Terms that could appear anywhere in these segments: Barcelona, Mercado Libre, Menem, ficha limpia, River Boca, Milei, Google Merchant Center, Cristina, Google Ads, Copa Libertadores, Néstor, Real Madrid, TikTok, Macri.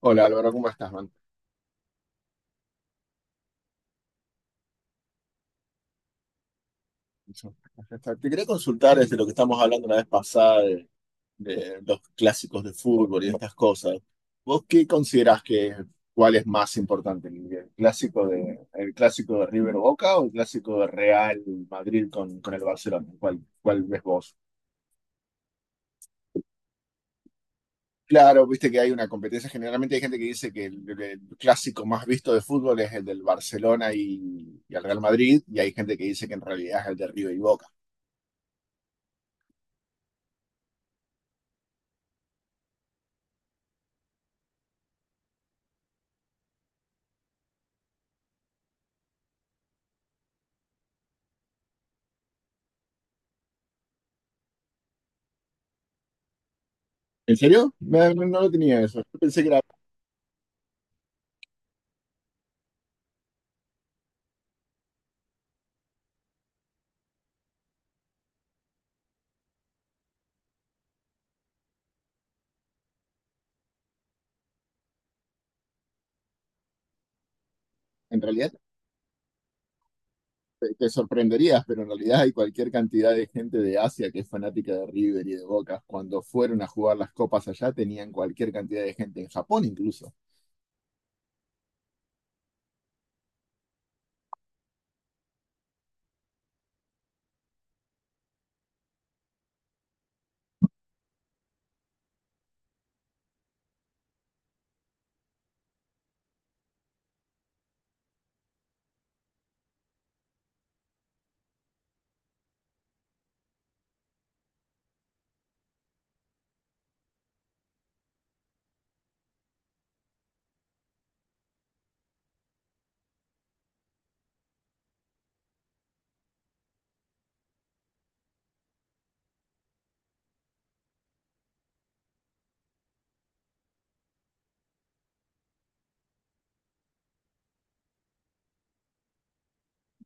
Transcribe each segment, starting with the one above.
Hola Álvaro, ¿cómo estás, man? Te quería consultar desde lo que estamos hablando la vez pasada de los clásicos de fútbol y estas cosas. ¿Vos qué considerás que cuál es más importante, el clásico de River Boca o el clásico de Real Madrid con el Barcelona? ¿ cuál ves vos? Claro, viste que hay una competencia. Generalmente hay gente que dice que el clásico más visto de fútbol es el del Barcelona y el Real Madrid, y hay gente que dice que en realidad es el de River y Boca. ¿En serio? No lo tenía eso. Yo pensé que era, en realidad te sorprenderías, pero en realidad hay cualquier cantidad de gente de Asia que es fanática de River y de Boca. Cuando fueron a jugar las copas allá, tenían cualquier cantidad de gente, en Japón incluso.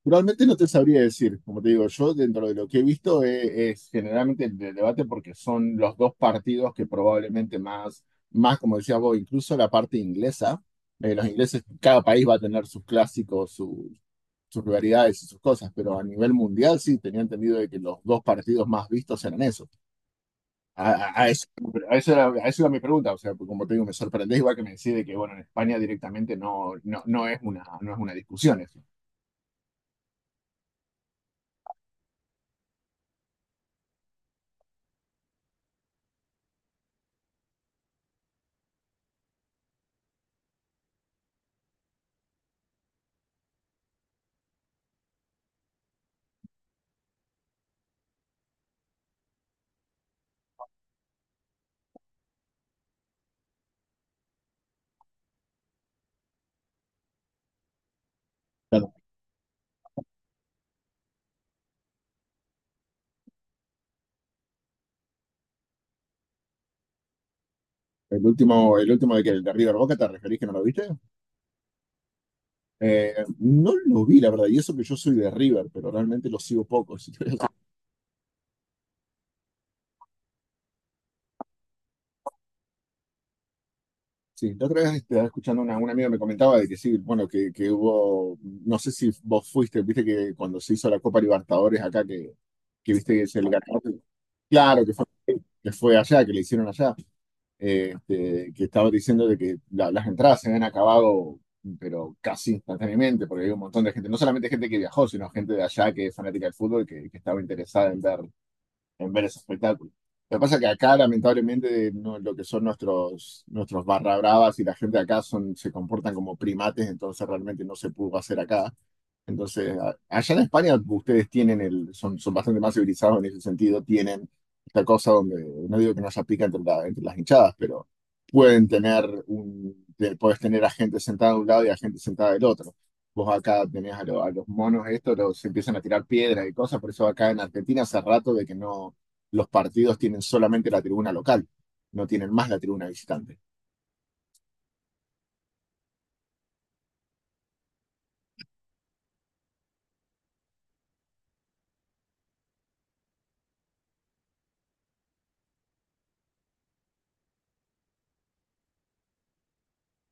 Realmente no te sabría decir, como te digo, yo dentro de lo que he visto es, generalmente el debate porque son los dos partidos que probablemente más, más, como decías vos, incluso la parte inglesa. Los ingleses, cada país va a tener sus clásicos, sus rivalidades y sus cosas, pero a nivel mundial sí tenía entendido de que los dos partidos más vistos eran esos. A eso, a eso era mi pregunta, o sea, porque como te digo, me sorprendés igual que me decís de que, bueno, en España directamente no, no es una, no es una discusión eso. Claro, el último de que el de River Boca, ¿te referís que no lo viste? No lo vi, la verdad, y eso que yo soy de River, pero realmente lo sigo poco. Sí, la otra vez estaba escuchando un amigo me comentaba de que sí, bueno, que hubo, no sé si vos fuiste, viste que cuando se hizo la Copa Libertadores acá, que viste que es el ganador, claro, que fue allá, que le hicieron allá, que estaba diciendo de que las entradas se habían acabado, pero casi instantáneamente, porque hay un montón de gente, no solamente gente que viajó, sino gente de allá que es fanática del fútbol, que estaba interesada en ver ese espectáculo. Lo que pasa es que acá, lamentablemente, lo que son nuestros barra bravas y la gente de acá son, se comportan como primates, entonces realmente no se pudo hacer acá. Entonces, allá en España ustedes tienen el, son, son bastante más civilizados en ese sentido, tienen esta cosa donde, no digo que no se pica entre, entre las hinchadas, pero pueden tener un, puedes tener a gente sentada de un lado y a gente sentada del otro. Vos acá tenés a, a los monos estos, los se empiezan a tirar piedras y cosas, por eso acá en Argentina hace rato de que no, los partidos tienen solamente la tribuna local, no tienen más la tribuna visitante.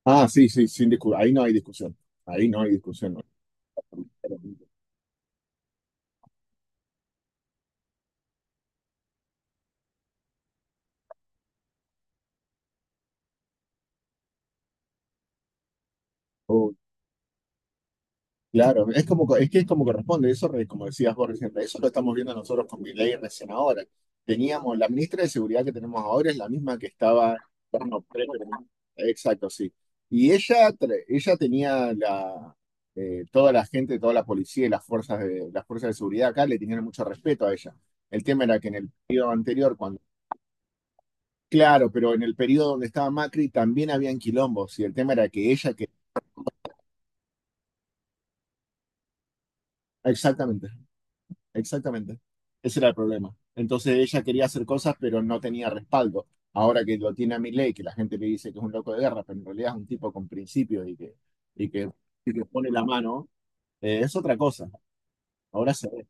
Ah, sí, sí, sin discu- ahí no hay discusión, ahí no hay discusión. Claro, es como, es que es como corresponde, eso, como decías vos recién, eso lo estamos viendo nosotros con Milei recién ahora. Teníamos, la ministra de Seguridad que tenemos ahora es la misma que estaba, bueno, exacto, sí. Y ella, ella tenía la, toda la gente, toda la policía y las fuerzas de seguridad acá le tenían mucho respeto a ella. El tema era que en el periodo anterior, cuando, claro, pero en el periodo donde estaba Macri también habían quilombos y el tema era que ella, que, exactamente. Exactamente. Ese era el problema. Entonces ella quería hacer cosas, pero no tenía respaldo. Ahora que lo tiene a Milei, que la gente le dice que es un loco de guerra, pero en realidad es un tipo con principios y que, y que pone la mano, es otra cosa. Ahora se ve.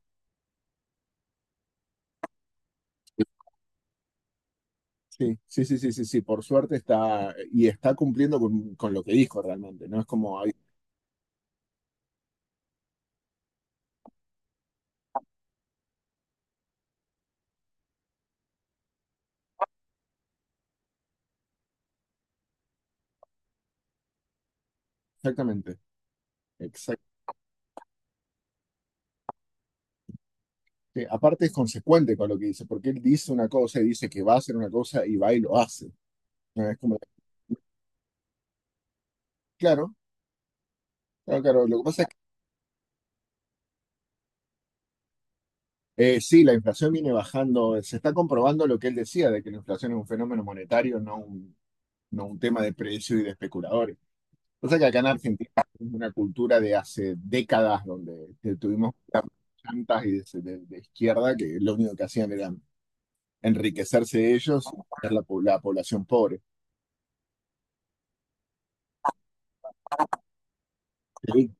Sí, sí, sí, sí, sí, sí. Por suerte está, y está cumpliendo con lo que dijo realmente. No es como, ay, exactamente, exact- sí. Aparte es consecuente con lo que dice, porque él dice una cosa y dice que va a hacer una cosa y va y lo hace. No es como, claro, claro, claro. Lo que pasa eh, sí, la inflación viene bajando. Se está comprobando lo que él decía, de que la inflación es un fenómeno monetario, no un tema de precio y de especuladores. O sea que acá en Argentina tenemos una cultura de hace décadas donde que tuvimos plantas y de izquierda que lo único que hacían era enriquecerse ellos y hacer la población pobre. Sí,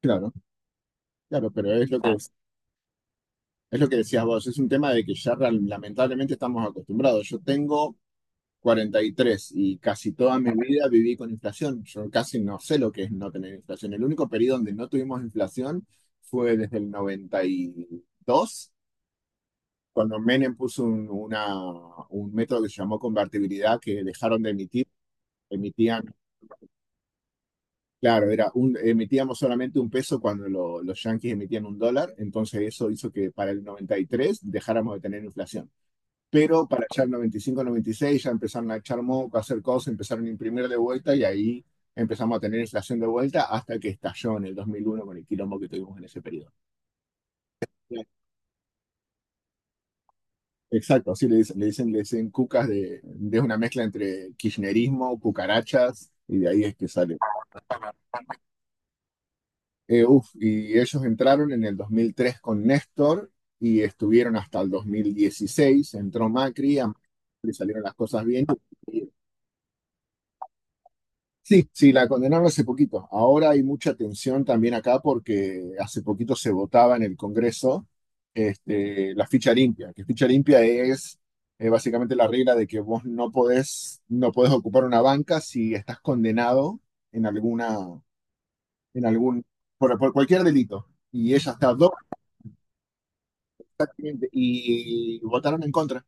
claro, claro, es lo que decías vos. Es un tema de que ya lamentablemente estamos acostumbrados. Yo tengo 43 y tres, y casi toda mi vida viví con inflación. Yo casi no sé lo que es no tener inflación. El único periodo donde no tuvimos inflación fue desde el 92, cuando Menem puso un método que se llamó convertibilidad, que dejaron de emitir, emitían, claro, era un, emitíamos solamente un peso cuando los yanquis emitían un dólar, entonces eso hizo que para el 93 dejáramos de tener inflación. Pero para allá el 95-96 ya empezaron a echar moco, a hacer cosas, empezaron a imprimir de vuelta y ahí empezamos a tener inflación de vuelta hasta que estalló en el 2001 con el quilombo que tuvimos en ese periodo. Sí. Exacto, así le dicen, le dicen cucas de una mezcla entre kirchnerismo, cucarachas, y de ahí es que sale. Uf, y ellos entraron en el 2003 con Néstor y estuvieron hasta el 2016, entró Macri, a Macri salieron las cosas bien y sí, sí, la condenaron hace poquito. Ahora hay mucha tensión también acá porque hace poquito se votaba en el Congreso la ficha limpia, que ficha limpia es básicamente la regla de que vos no podés, no podés ocupar una banca si estás condenado en alguna, en algún, por cualquier delito. Y ella está dos y votaron en contra.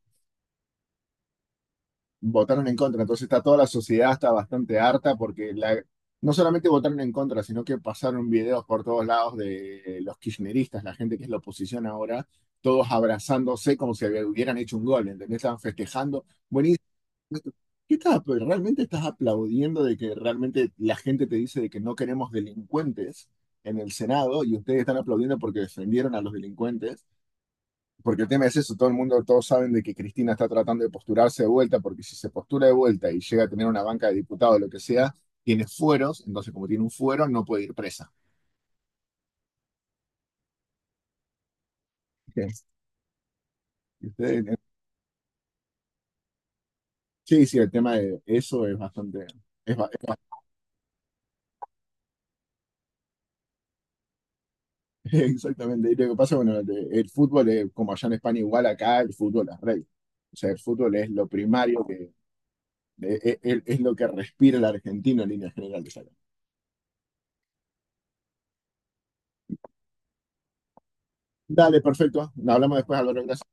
Votaron en contra. Entonces está toda la sociedad está bastante harta porque la, no solamente votaron en contra, sino que pasaron videos por todos lados de los kirchneristas, la gente que es la oposición ahora, todos abrazándose como si hubieran hecho un gol, ¿entendés? Estaban festejando. Buenísimo. ¿Qué estás, realmente estás aplaudiendo de que realmente la gente te dice de que no queremos delincuentes en el Senado y ustedes están aplaudiendo porque defendieron a los delincuentes? Porque el tema es eso, todo el mundo, todos saben de que Cristina está tratando de posturarse de vuelta, porque si se postura de vuelta y llega a tener una banca de diputados o lo que sea, tiene fueros, entonces como tiene un fuero, no puede ir presa. Ustedes- sí, sí, el tema de eso es bastante, es, ba- es ba- exactamente. Y lo que pasa, bueno, el fútbol, es, como allá en España igual, acá el fútbol es rey. O sea, el fútbol es lo primario, que, es, es lo que respira el argentino en líneas generales acá. Dale, perfecto. Hablamos después, Álvaro, gracias.